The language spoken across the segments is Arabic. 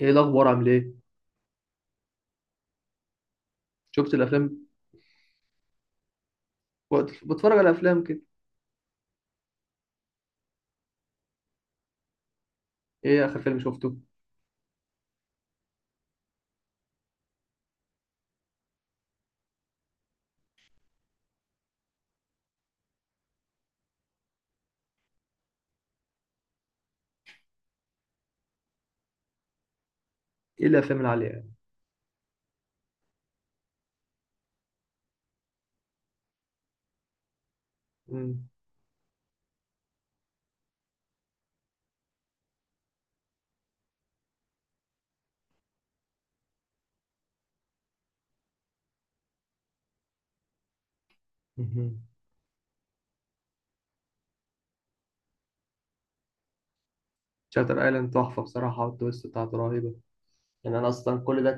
ايه الاخبار؟ عامل ايه؟ شفت الافلام، وقت بتفرج على افلام كده. ايه اخر فيلم شفته؟ ايه الافلام اللي عليها يعني؟ امم مهم. شاتر ايلاند تحفه بصراحه والتويست بتاعته رهيبه. يعني انا اصلا كل ده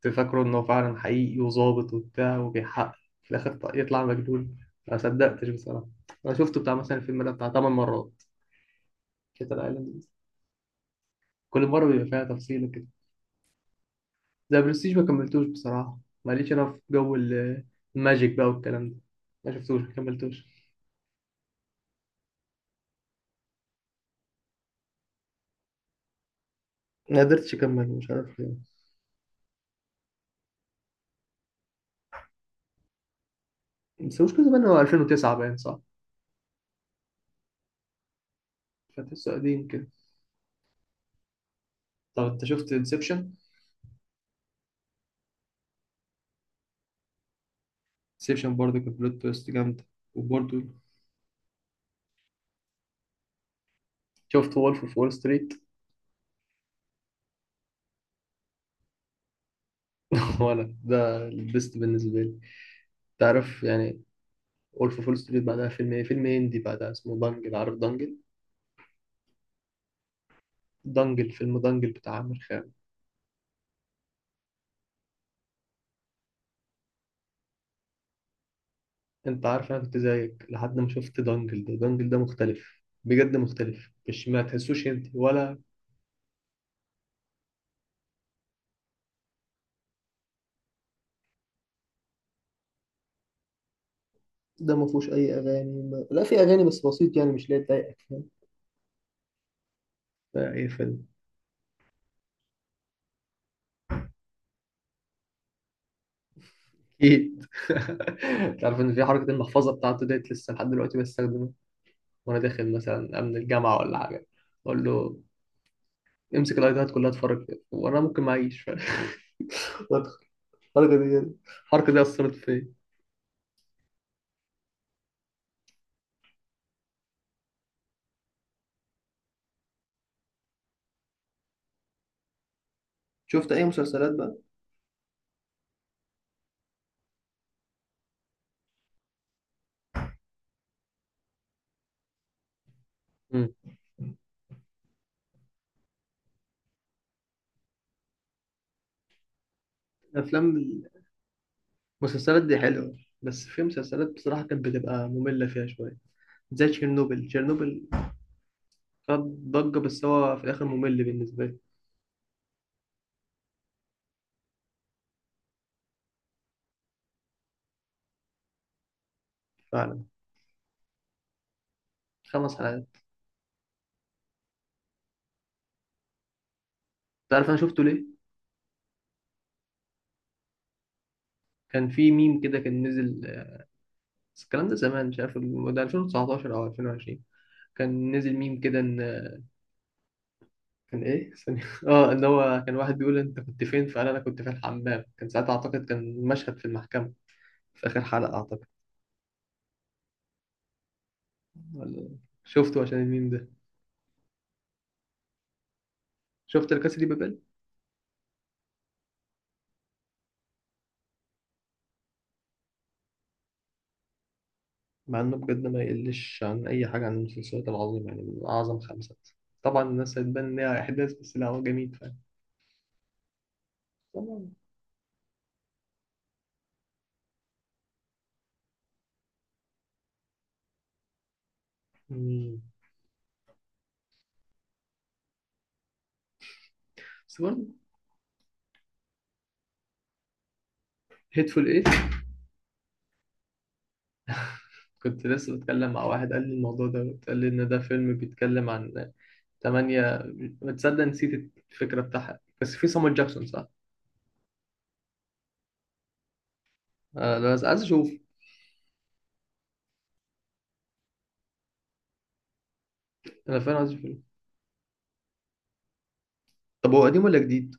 كنت فاكره انه فعلا حقيقي وظابط وبتاع وبيحقق، في الاخر يطلع مجنون. ما صدقتش بصراحه. انا شفته بتاع مثلا الفيلم ده بتاع 8 مرات. شاتر ايلاند كل مره بيبقى فيها تفصيله كده. ذا برستيج ما كملتوش بصراحه. ماليش انا في جو الماجيك بقى والكلام ده. ما شفتوش ما كملتوش. ما قدرتش اكمل، مش عارف ليه. بس مش كده بقى، هو 2009 باين، صح؟ فتحسه قديم كده. طب انت شفت انسبشن؟ انسبشن برضه كان بلوت تويست جامده. وبرضه شفت وولف اوف وول ستريت. وانا ده البيست بالنسبه لي، تعرف يعني. وولف اوف وول ستريت بعدها فيلم ايه، فيلم هندي بعدها اسمه دانجل. عارف دانجل؟ دانجل، فيلم دانجل بتاع عامر خان. انت عارف انا كنت زيك لحد ما شفت دانجل. ده دانجل ده مختلف بجد، مختلف، مش ما تحسوش انت ولا. ده ما فيهوش اي اغاني ما... لا في اغاني بس بسيط يعني، مش لا تضايقك. اقفل. اكيد. تعرف ان في حركه المحفظه بتاعته ديت لسه لحد دلوقتي بستخدمها. وانا داخل مثلا امن الجامعه ولا حاجه، اقول له امسك الايدات كلها اتفرج فيها. وانا ممكن ما اعيش فاهم؟ وأدخل. الحركه دي، الحركه دي اثرت فيا. شفت اي مسلسلات بقى؟ مم. افلام المسلسلات دي حلوه، بس في مسلسلات بصراحه كانت بتبقى ممله فيها شويه، زي تشيرنوبل. تشيرنوبل خد ضجه بس هو في الاخر ممل بالنسبه لي. فعلا، 5 حلقات. تعرف انا شفته ليه؟ كان في ميم كده كان نزل. بس الكلام ده زمان، مش عارف ده 2019 او 2020. كان نزل ميم كده ان كان ايه ثانية اه، ان هو كان واحد بيقول انت كنت فين، فقال انا كنت في الحمام. كان ساعتها اعتقد كان مشهد في المحكمة، في اخر حلقة اعتقد. ولا، شفته عشان الميم ده. شفت الكاسة دي بابل؟ مع انه بجد ما يقلش عن اي حاجة عن المسلسلات العظيمة، يعني من اعظم خمسة. طبعا الناس هتبان ان هي احداث بس لا، هو جميل فعلا. طبعا. مم. بس برضه هيتفول ايه؟ كنت لسه بتكلم مع واحد قال لي الموضوع ده، قال لي ان ده فيلم بيتكلم عن 8. بتصدق نسيت الفكرة بتاعها، بس في صامويل جاكسون، صح؟ آه لا، بس عايز أشوف. أنا فعلا عايز أشوف. طب هو قديم ولا جديد؟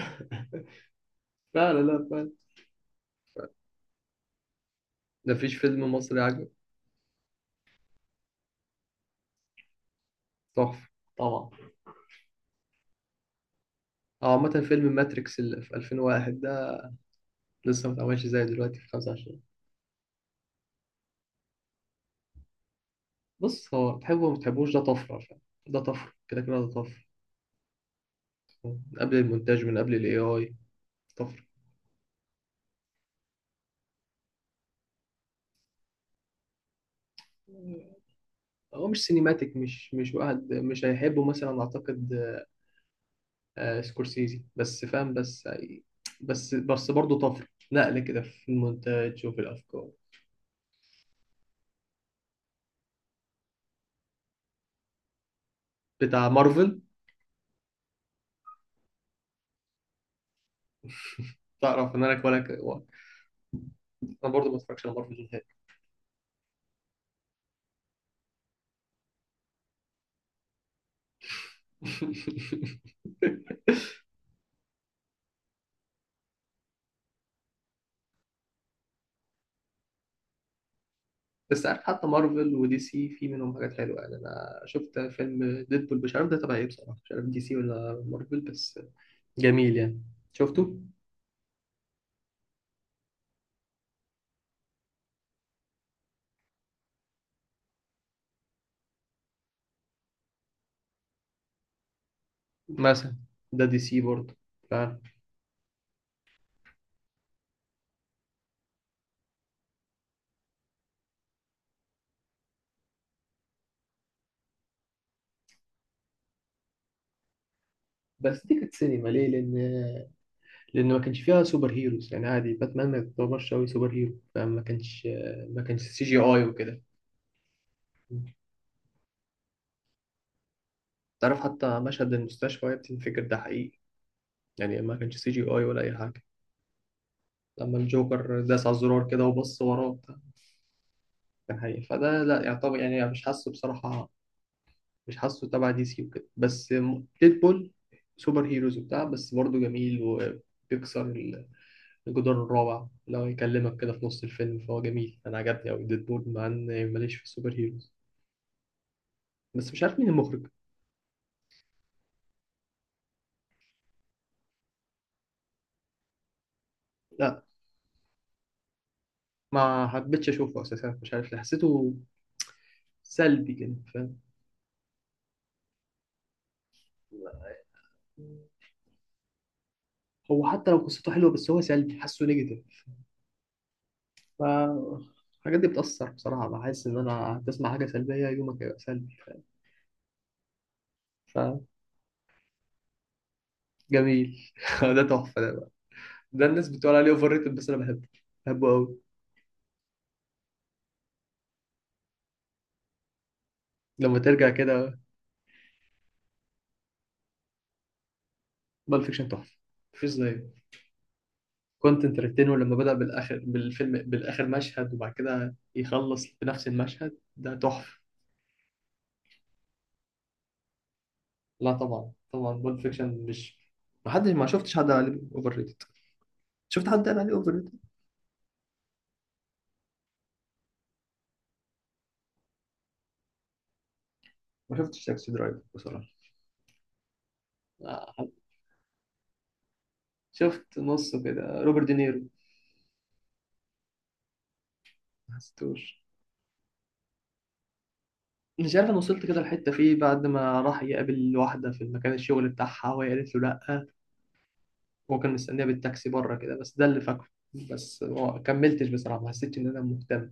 فعلا، لا فعلا. ده مفيش فيلم مصري عجب. تحفة. طبعا. أو عامة فيلم ماتريكس اللي في 2001 ده، لسه ما اتعملش زي دلوقتي في 25. بص، هو تحبه ما تحبوش ده طفرة، عشان ده طفرة كده كده، ده طفرة. من قبل المونتاج، من قبل الاي اي. طفرة. هو مش سينيماتيك، مش واحد مش هيحبه مثلا أعتقد، آه سكورسيزي، بس فاهم بس يعني، بس برضه طفل نقلة كده في المونتاج وفي الأفكار. بتاع مارفل. تعرف إن أنا كولا أنا برضه ما اتفرجش على مارفل نهائي. بس عارف حتى مارفل ودي سي في منهم حاجات حلوة، يعني أنا شفت فيلم ديدبول مش عارف ده تبع إيه بصراحة، مش عارف دي سي ولا مارفل، بس جميل يعني. شفته مثلا، ده دي سي برضه فاهم. بس دي كانت سينما ليه؟ لأن ما كانش فيها سوبر هيروز يعني، عادي، باتمان ما يعتبرش قوي سوبر هيرو، فما كانش، ما كانش سي جي اي وكده. تعرف حتى مشهد المستشفى تنفكر ده حقيقي، يعني ما كانش سي جي اي ولا اي حاجه. لما الجوكر داس على الزرار كده وبص وراه بتاع، كان حقيقي. فده لا يعتبر يعني، مش حاسه بصراحه، مش حاسه تبع دي سي وكده. بس ديدبول سوبر هيروز وبتاع، بس برضه جميل وبيكسر الجدار الرابع لو يكلمك كده في نص الفيلم، فهو جميل، انا عجبني قوي ديدبول مع ان ماليش في السوبر هيروز. بس مش عارف مين المخرج. لا، ما حبيتش اشوفه اساسا، مش عارف ليه حسيته سلبي كده فاهم. هو حتى لو قصته حلوه بس هو سلبي، حاسه نيجاتيف. ف الحاجات دي بتأثر بصراحة، بحس إن أنا هتسمع حاجة سلبية يومك هيبقى سلبي، فاهم؟ فجميل ده تحفة ده بقى. ده الناس بتقول عليه أوفر ريتد بس أنا بحبه، بحبه أوي. لما ترجع كده. بالب فيكشن تحفة، مفيش زيه. كوينتين ترنتينو لما بدأ بالآخر بالفيلم، بالآخر مشهد وبعد كده يخلص بنفس المشهد، ده تحفة. لا طبعا طبعا بول فيكشن مش. ما شفتش حد قال عليه اوفر ريتد. شفت حد قال عليه اوفر ريتد؟ ما شفتش تاكسي درايف بصراحه. لا، شفت نصه كده روبرت دينيرو. ما حسيتوش. مش عارف، انا وصلت كده الحته فيه بعد ما راح يقابل واحده في مكان الشغل بتاعها وهي قالت له لا، هو كان مستنيها بالتاكسي بره كده، بس ده اللي فاكره. بس ما كملتش بصراحه، ما حسيتش ان انا مهتم.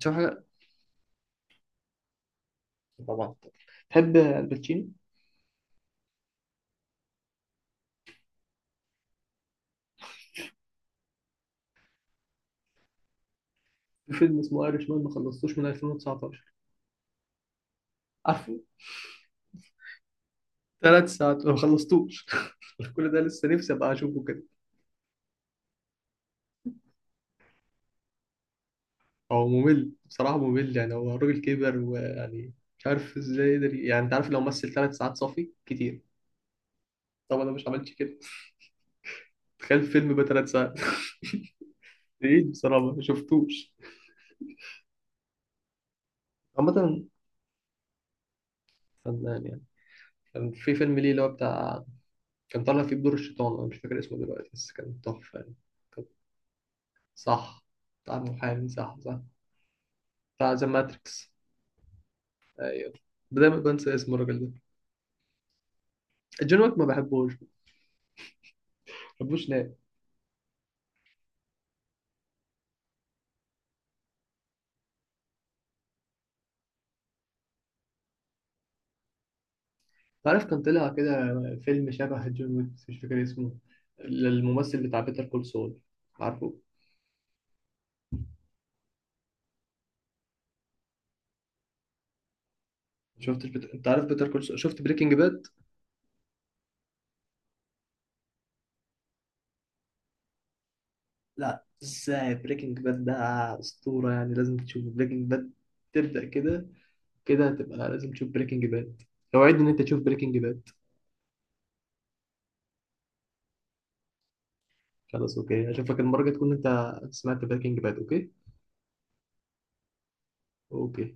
تشوف حاجه. طبعا. تحب الباتشينو؟ في فيلم اسمه ايرش مان، ما خلصتوش من 2019، عارفه. 3 ساعات ما خلصتوش كل ده. لسه نفسي ابقى اشوفه كده. هو ممل بصراحة، ممل يعني، هو الراجل كبر ويعني مش عارف ازاي يقدر، يعني انت عارف لو مثل 3 ساعات صافي، كتير. طبعا انا مش عملتش كده. تخيل فيلم بقى 3 ساعات بعيد بصراحة، ما شفتوش. عامة فنان يعني. كان في فيلم ليه اللي هو بتاع، كان طالع فيه بدور الشيطان، انا مش فاكر اسمه دلوقتي بس كان تحفة يعني. كان. صح. بتاع المحامي، صح صح. بتاع ذا ماتريكس. ايوه. دايما بنسى اسم الراجل ده. جون ويك ما بحبوش، ما بحبوش. تعرف كان طلع كده فيلم شبه جون ويك بس مش فاكر اسمه، للممثل بتاع بيتر كول سول. عارفه؟ انت عارف بيتر كول سول؟ شفت بريكنج باد؟ لا ازاي، بريكنج باد ده اسطورة يعني، لازم تشوف بريكنج باد. تبدأ كده، كده هتبقى لازم تشوف بريكنج باد. اوعدني ان انت تشوف بريكنج باد. خلاص اوكي، اشوفك المرة الجاية تكون انت سمعت بريكنج باد. اوكي. اوكي.